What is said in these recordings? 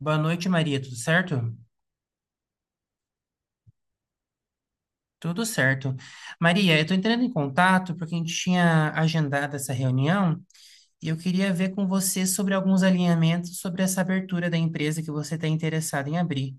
Boa noite, Maria. Tudo certo? Tudo certo. Maria, eu estou entrando em contato porque a gente tinha agendado essa reunião e eu queria ver com você sobre alguns alinhamentos sobre essa abertura da empresa que você está interessado em abrir.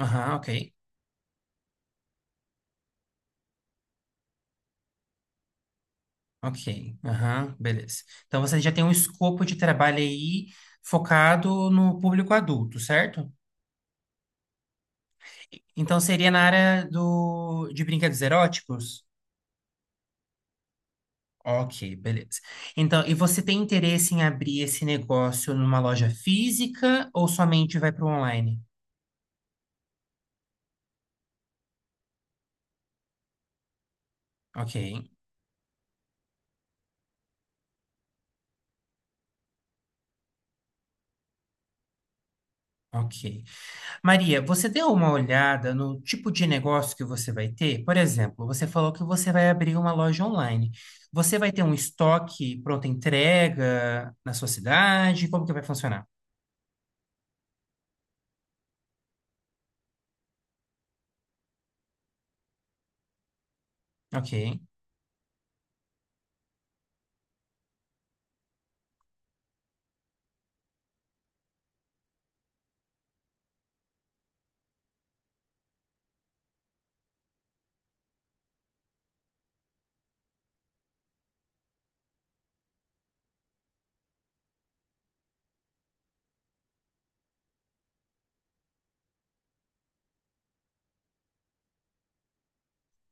Aham, ok. Ok. Aham, beleza. Então você já tem um escopo de trabalho aí focado no público adulto, certo? Então seria na área do, de brinquedos eróticos? Ok, beleza. Então, e você tem interesse em abrir esse negócio numa loja física ou somente vai para o online? Ok, ok. Maria, você deu uma olhada no tipo de negócio que você vai ter? Por exemplo, você falou que você vai abrir uma loja online. Você vai ter um estoque pronta entrega na sua cidade? Como que vai funcionar? Ok.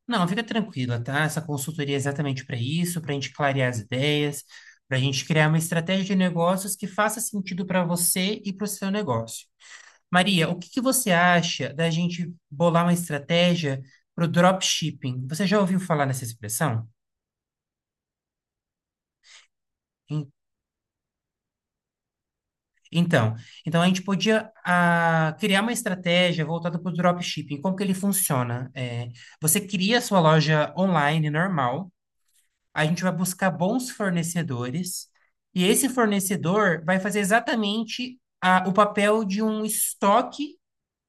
Não, fica tranquila, tá? Essa consultoria é exatamente para isso, para a gente clarear as ideias, para a gente criar uma estratégia de negócios que faça sentido para você e para o seu negócio. Maria, o que que você acha da gente bolar uma estratégia para o dropshipping? Você já ouviu falar nessa expressão? Em- Então, então a gente podia criar uma estratégia voltada para o dropshipping. Como que ele funciona? É, você cria a sua loja online normal. A gente vai buscar bons fornecedores e esse fornecedor vai fazer exatamente o papel de um estoque,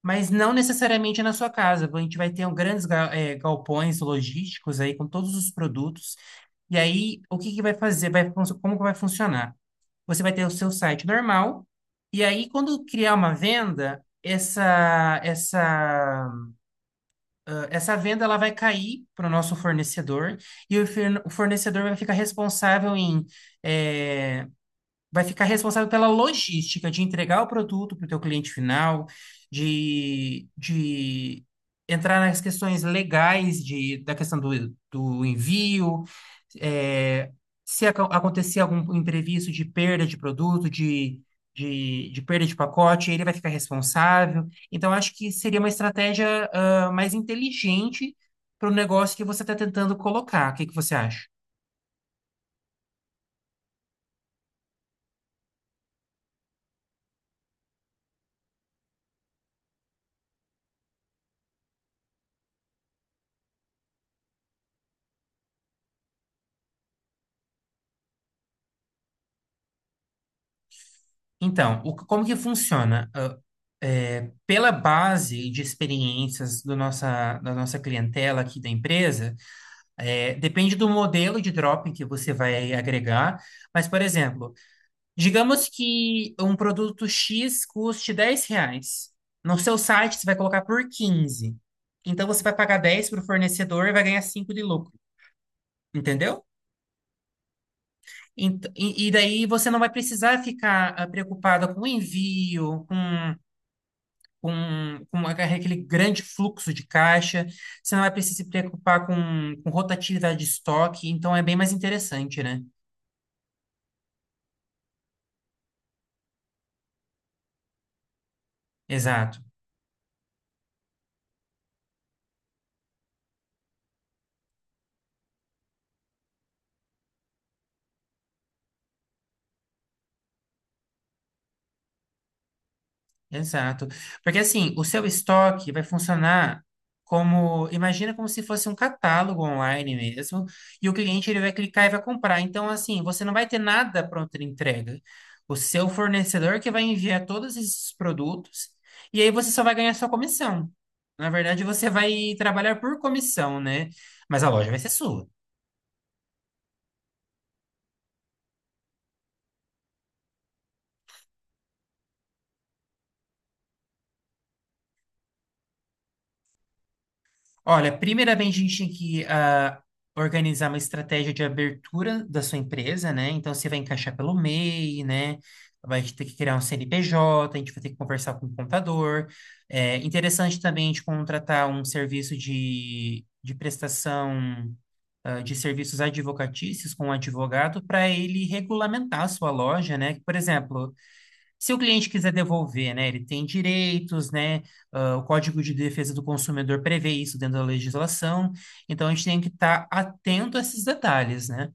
mas não necessariamente na sua casa. A gente vai ter um grandes galpões logísticos aí com todos os produtos. E aí, o que que vai fazer? Vai, como que vai funcionar? Você vai ter o seu site normal, e aí, quando criar uma venda, essa venda ela vai cair para o nosso fornecedor e o o fornecedor vai ficar responsável em eh, vai ficar responsável pela logística de entregar o produto para o teu cliente final, de entrar nas questões legais de, da questão do, do envio, é, se acontecer algum imprevisto de perda de produto, de perda de pacote, ele vai ficar responsável. Então, acho que seria uma estratégia, ah, mais inteligente para o negócio que você está tentando colocar. O que que você acha? Então, como que funciona? Ah, é, pela base de experiências do nossa, da nossa clientela aqui da empresa, é, depende do modelo de drop que você vai agregar. Mas, por exemplo, digamos que um produto X custe 10 reais. No seu site, você vai colocar por 15. Então, você vai pagar 10 para o fornecedor e vai ganhar 5 de lucro. Entendeu? E daí você não vai precisar ficar preocupada com envio, com aquele grande fluxo de caixa, você não vai precisar se preocupar com rotatividade de estoque, então é bem mais interessante, né? Exato. Exato. Porque assim, o seu estoque vai funcionar como, imagina como se fosse um catálogo online mesmo, e o cliente ele vai clicar e vai comprar. Então, assim, você não vai ter nada pronto de entrega. O seu fornecedor que vai enviar todos esses produtos, e aí você só vai ganhar sua comissão. Na verdade, você vai trabalhar por comissão, né? Mas a loja vai ser sua. Olha, primeiramente a gente tem que organizar uma estratégia de abertura da sua empresa, né? Então você vai encaixar pelo MEI, né? Vai ter que criar um CNPJ, a gente vai ter que conversar com o contador. É interessante também a gente contratar um serviço de prestação de serviços advocatícios com um advogado para ele regulamentar a sua loja, né? Por exemplo, se o cliente quiser devolver, né, ele tem direitos, né, ah, o Código de Defesa do Consumidor prevê isso dentro da legislação, então a gente tem que estar atento a esses detalhes, né?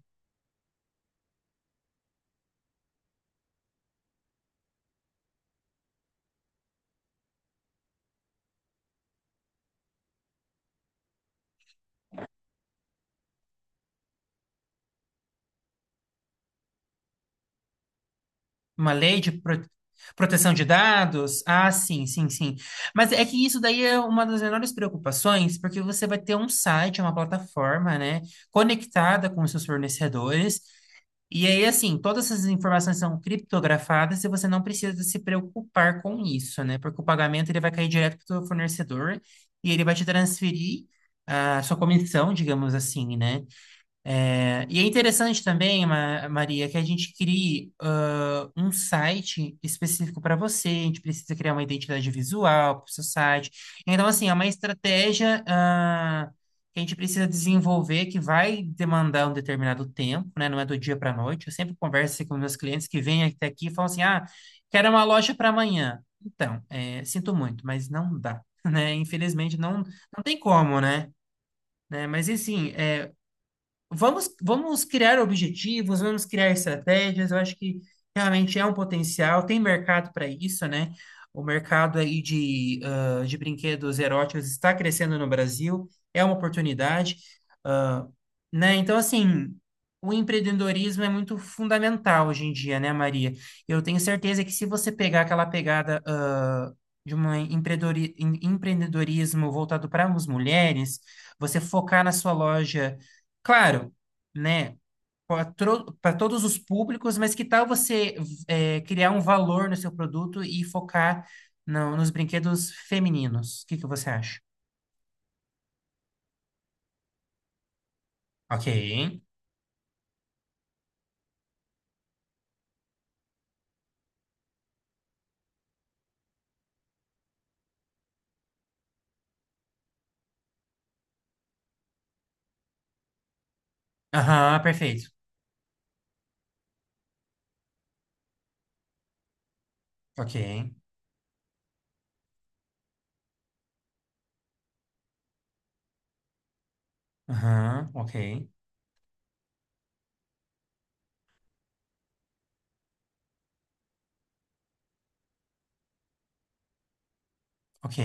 Uma lei de proteção de dados? Ah, sim, sim, sim. Mas é que isso daí é uma das menores preocupações, porque você vai ter um site, uma plataforma, né, conectada com os seus fornecedores. E aí, assim, todas essas informações são criptografadas e você não precisa se preocupar com isso, né? Porque o pagamento ele vai cair direto para o seu fornecedor e ele vai te transferir a sua comissão, digamos assim, né? É, e é interessante também, Maria, que a gente crie um site específico para você. A gente precisa criar uma identidade visual para o seu site. Então, assim, é uma estratégia que a gente precisa desenvolver que vai demandar um determinado tempo, né? Não é do dia para a noite. Eu sempre converso assim, com meus clientes que vêm até aqui e falam assim: ah, quero uma loja para amanhã. Então, é, sinto muito, mas não dá, né? Infelizmente, não, não tem como, né? né? Mas, assim, é, Vamos, criar objetivos, vamos criar estratégias. Eu acho que realmente é um potencial, tem mercado para isso, né? O mercado aí de, ah, de brinquedos eróticos está crescendo no Brasil, é uma oportunidade né? Então, assim, o empreendedorismo é muito fundamental hoje em dia, né, Maria? Eu tenho certeza que se você pegar aquela pegada, ah, de um empreendedorismo voltado para as mulheres, você focar na sua loja, claro, né? Para todos os públicos, mas que tal você criar um valor no seu produto e focar nos brinquedos femininos? O que que você acha? Ok. Aham, perfeito. Ok. Aham, ok, ok,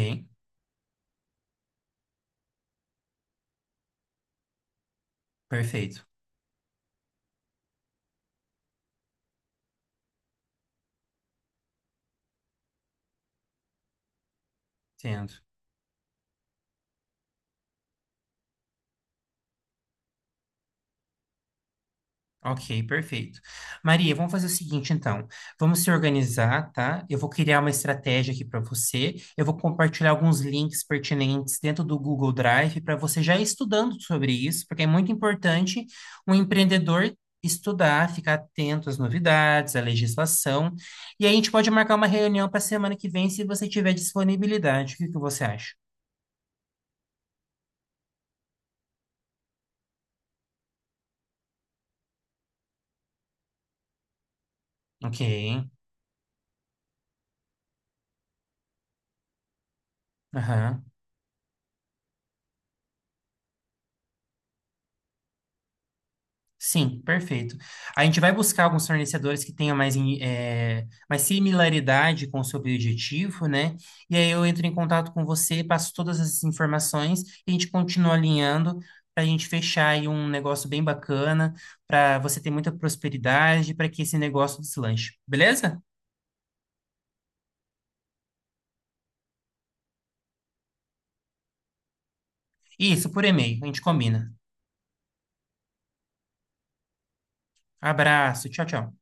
perfeito, entendo. Ok, perfeito. Maria, vamos fazer o seguinte, então. Vamos se organizar, tá? Eu vou criar uma estratégia aqui para você. Eu vou compartilhar alguns links pertinentes dentro do Google Drive para você já ir estudando sobre isso, porque é muito importante um empreendedor estudar, ficar atento às novidades, à legislação. E aí a gente pode marcar uma reunião para semana que vem, se você tiver disponibilidade. O que que você acha? Ok. Aham. Sim, perfeito. A gente vai buscar alguns fornecedores que tenham mais, mais similaridade com o seu objetivo, né? E aí eu entro em contato com você, passo todas essas informações e a gente continua alinhando para a gente fechar aí um negócio bem bacana, para você ter muita prosperidade, para que esse negócio deslanche, beleza? Isso, por e-mail, a gente combina. Abraço, tchau, tchau.